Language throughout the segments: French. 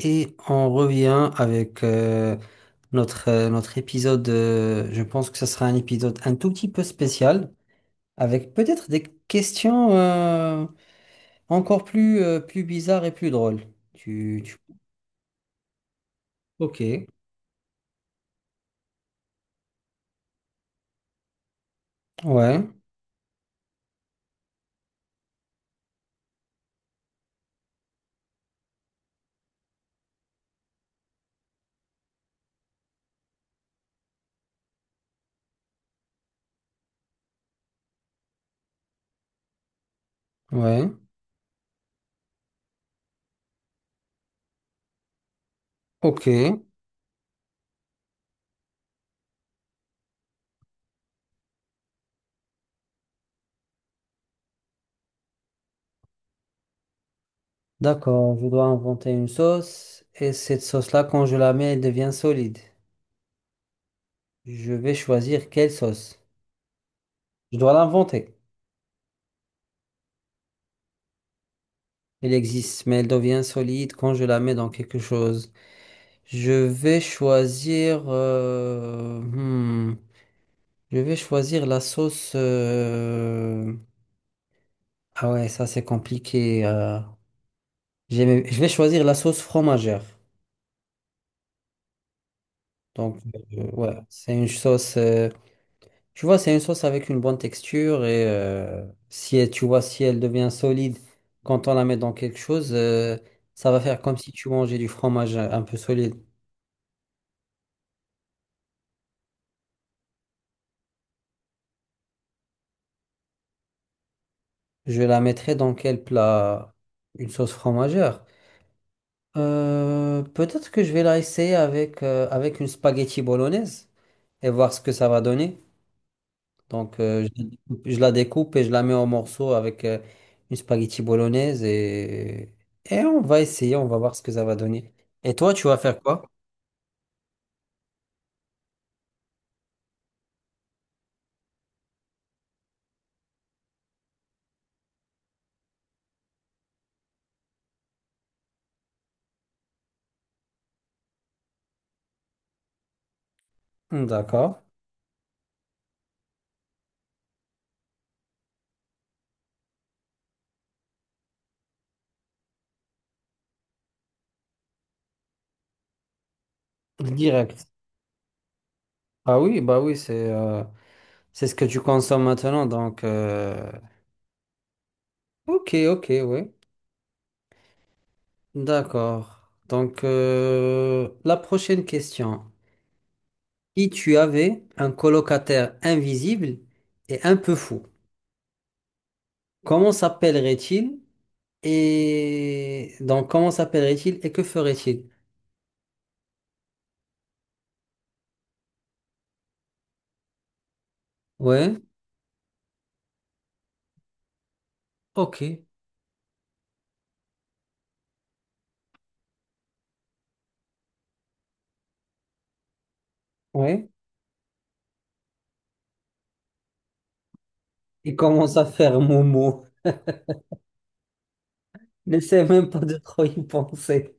Et on revient avec notre, notre épisode. Je pense que ce sera un épisode un tout petit peu spécial, avec peut-être des questions encore plus, plus bizarres et plus drôles. Tu, tu- Ok, ouais, ouais, ok. D'accord, je dois inventer une sauce. Et cette sauce-là, quand je la mets, elle devient solide. Je vais choisir quelle sauce. Je dois l'inventer. Elle existe, mais elle devient solide quand je la mets dans quelque chose. Je vais choisir. Hmm, je vais choisir la sauce. Ah ouais, ça c'est compliqué. Je vais choisir la sauce fromagère. Donc ouais, c'est une sauce. Tu vois, c'est une sauce avec une bonne texture et si elle- tu vois si elle devient solide quand on la met dans quelque chose, ça va faire comme si tu mangeais du fromage un peu solide. Je la mettrai dans quel plat? Une sauce fromagère. Peut-être que je vais la essayer avec, avec une spaghetti bolognaise et voir ce que ça va donner. Donc, je la découpe et je la mets en morceaux avec une spaghetti bolognaise et on va essayer, on va voir ce que ça va donner. Et toi, tu vas faire quoi? Hmm, d'accord. Direct. Ah oui, bah oui, c'est ce que tu consommes maintenant. Donc, ok, ok, oui. D'accord. Donc, la prochaine question. Si tu avais un colocataire invisible et un peu fou, comment s'appellerait-il comment s'appellerait-il et que ferait-il? Ouais, ok, ouais. Il commence à faire Momo. N'essaie même pas de trop y penser.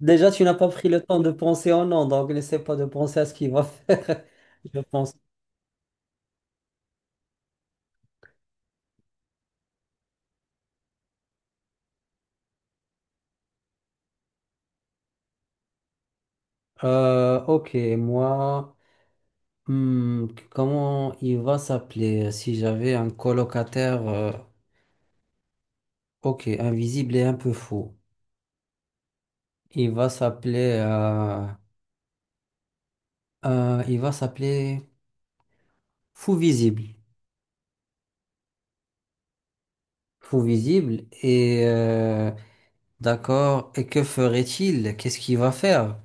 Déjà, tu n'as pas pris le temps de penser au nom, donc n'essaie pas de penser à ce qu'il va faire, je pense. Ok, moi, hmm, comment il va s'appeler si j'avais un colocataire ok, invisible et un peu fou. Il va s'appeler euh, il va s'appeler Fou Visible. Fou Visible et d'accord, et que ferait-il? Qu'est-ce qu'il va faire?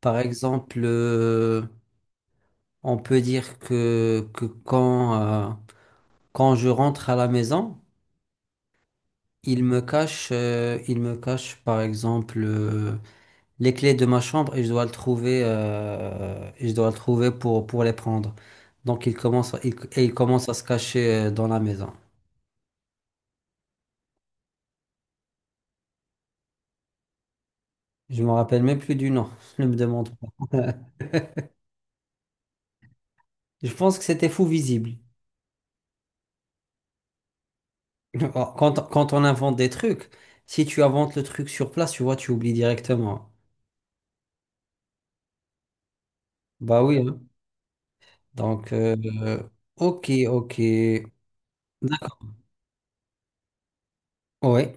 Par exemple, on peut dire que quand, quand je rentre à la maison, il me cache par exemple les clés de ma chambre et je dois le trouver, et je dois le trouver pour les prendre. Donc et il commence à se cacher dans la maison. Je me rappelle même plus du nom, ne me demande pas. Je pense que c'était fou visible. Quand, quand on invente des trucs, si tu inventes le truc sur place, tu vois, tu oublies directement. Bah oui, hein. Donc, ok, ok. D'accord. Oui,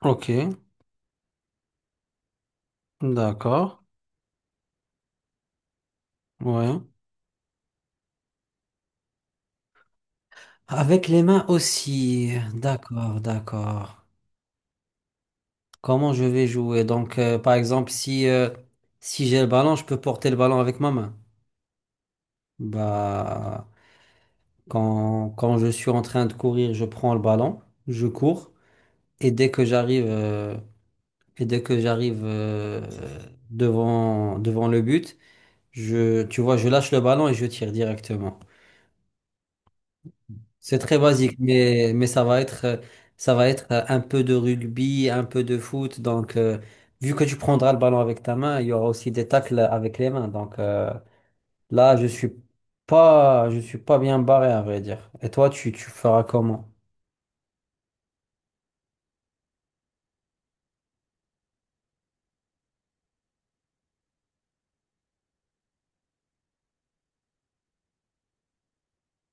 ok. D'accord. Ouais. Avec les mains aussi. D'accord, d'accord. Comment je vais jouer? Donc, par exemple, si j'ai le ballon, je peux porter le ballon avec ma main. Bah, quand, quand je suis en train de courir, je prends le ballon, je cours, et dès que j'arrive et dès que j'arrive devant, devant le but, je, tu vois, je lâche le ballon et je tire directement. C'est très basique, mais ça va être un peu de rugby, un peu de foot. Donc, vu que tu prendras le ballon avec ta main, il y aura aussi des tacles avec les mains. Donc, là, je suis pas bien barré, à vrai dire. Et toi, tu feras comment?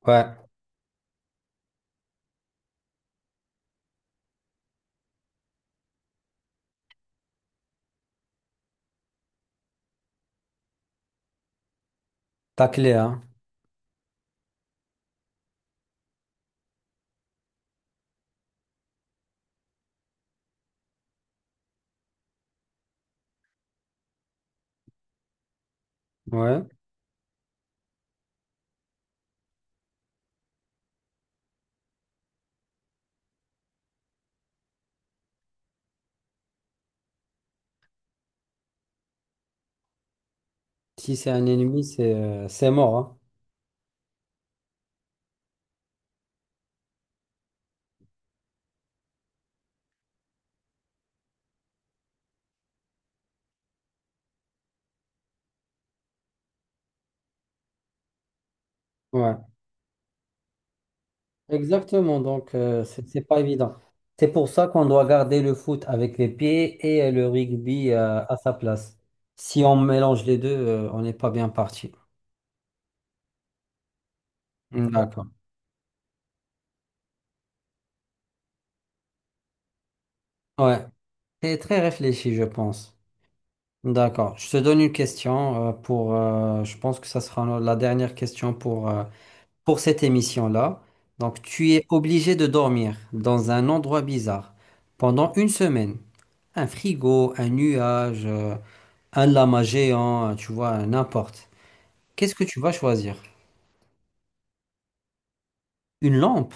Ouais, tacler, hein. Ouais. Si c'est un ennemi, c'est mort, hein. Ouais. Exactement, donc c'est pas évident. C'est pour ça qu'on doit garder le foot avec les pieds et le rugby à sa place. Si on mélange les deux, on n'est pas bien parti. D'accord. Ouais, c'est très réfléchi, je pense. D'accord. Je te donne une question pour. Je pense que ça sera la dernière question pour cette émission-là. Donc, tu es obligé de dormir dans un endroit bizarre pendant une semaine. Un frigo, un nuage. Un lama géant, tu vois, n'importe. Qu'est-ce que tu vas choisir? Une lampe?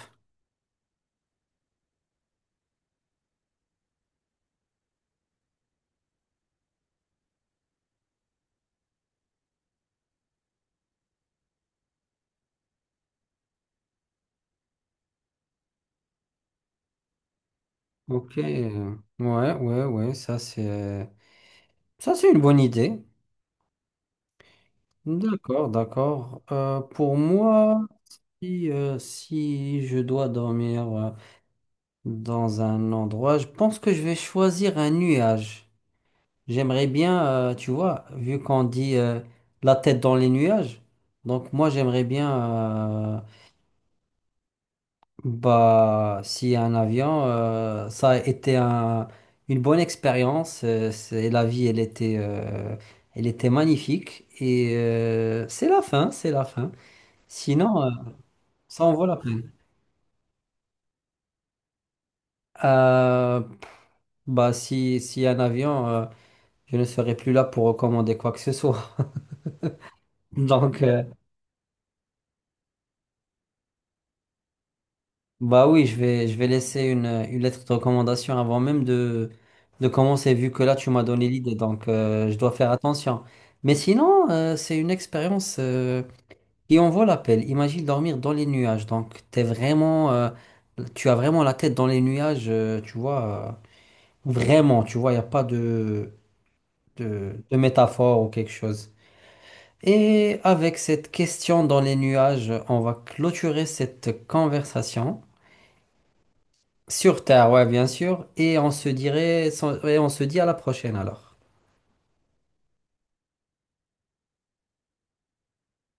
Ok. Ouais, ouais, ouais, ça c'est une bonne idée. D'accord, d'accord. Pour moi, si je dois dormir dans un endroit, je pense que je vais choisir un nuage. J'aimerais bien, tu vois, vu qu'on dit la tête dans les nuages, donc moi j'aimerais bien bah, si un avion, ça a été un- une bonne expérience. C'est la vie, elle était magnifique. Et c'est la fin, c'est la fin. Sinon, ça en vaut la peine. Euh, bah, si, si un avion, je ne serai plus là pour recommander quoi que ce soit. Donc. Bah oui, je vais laisser une lettre de recommandation avant même de commencer, vu que là, tu m'as donné l'idée, donc je dois faire attention. Mais sinon, c'est une expérience qui en vaut l'appel. Imagine dormir dans les nuages, donc t'es vraiment, tu as vraiment la tête dans les nuages, tu vois, vraiment, tu vois, il n'y a pas de métaphore ou quelque chose. Et avec cette question dans les nuages, on va clôturer cette conversation. Sur Terre, ouais, bien sûr. Et on se dit à la prochaine alors.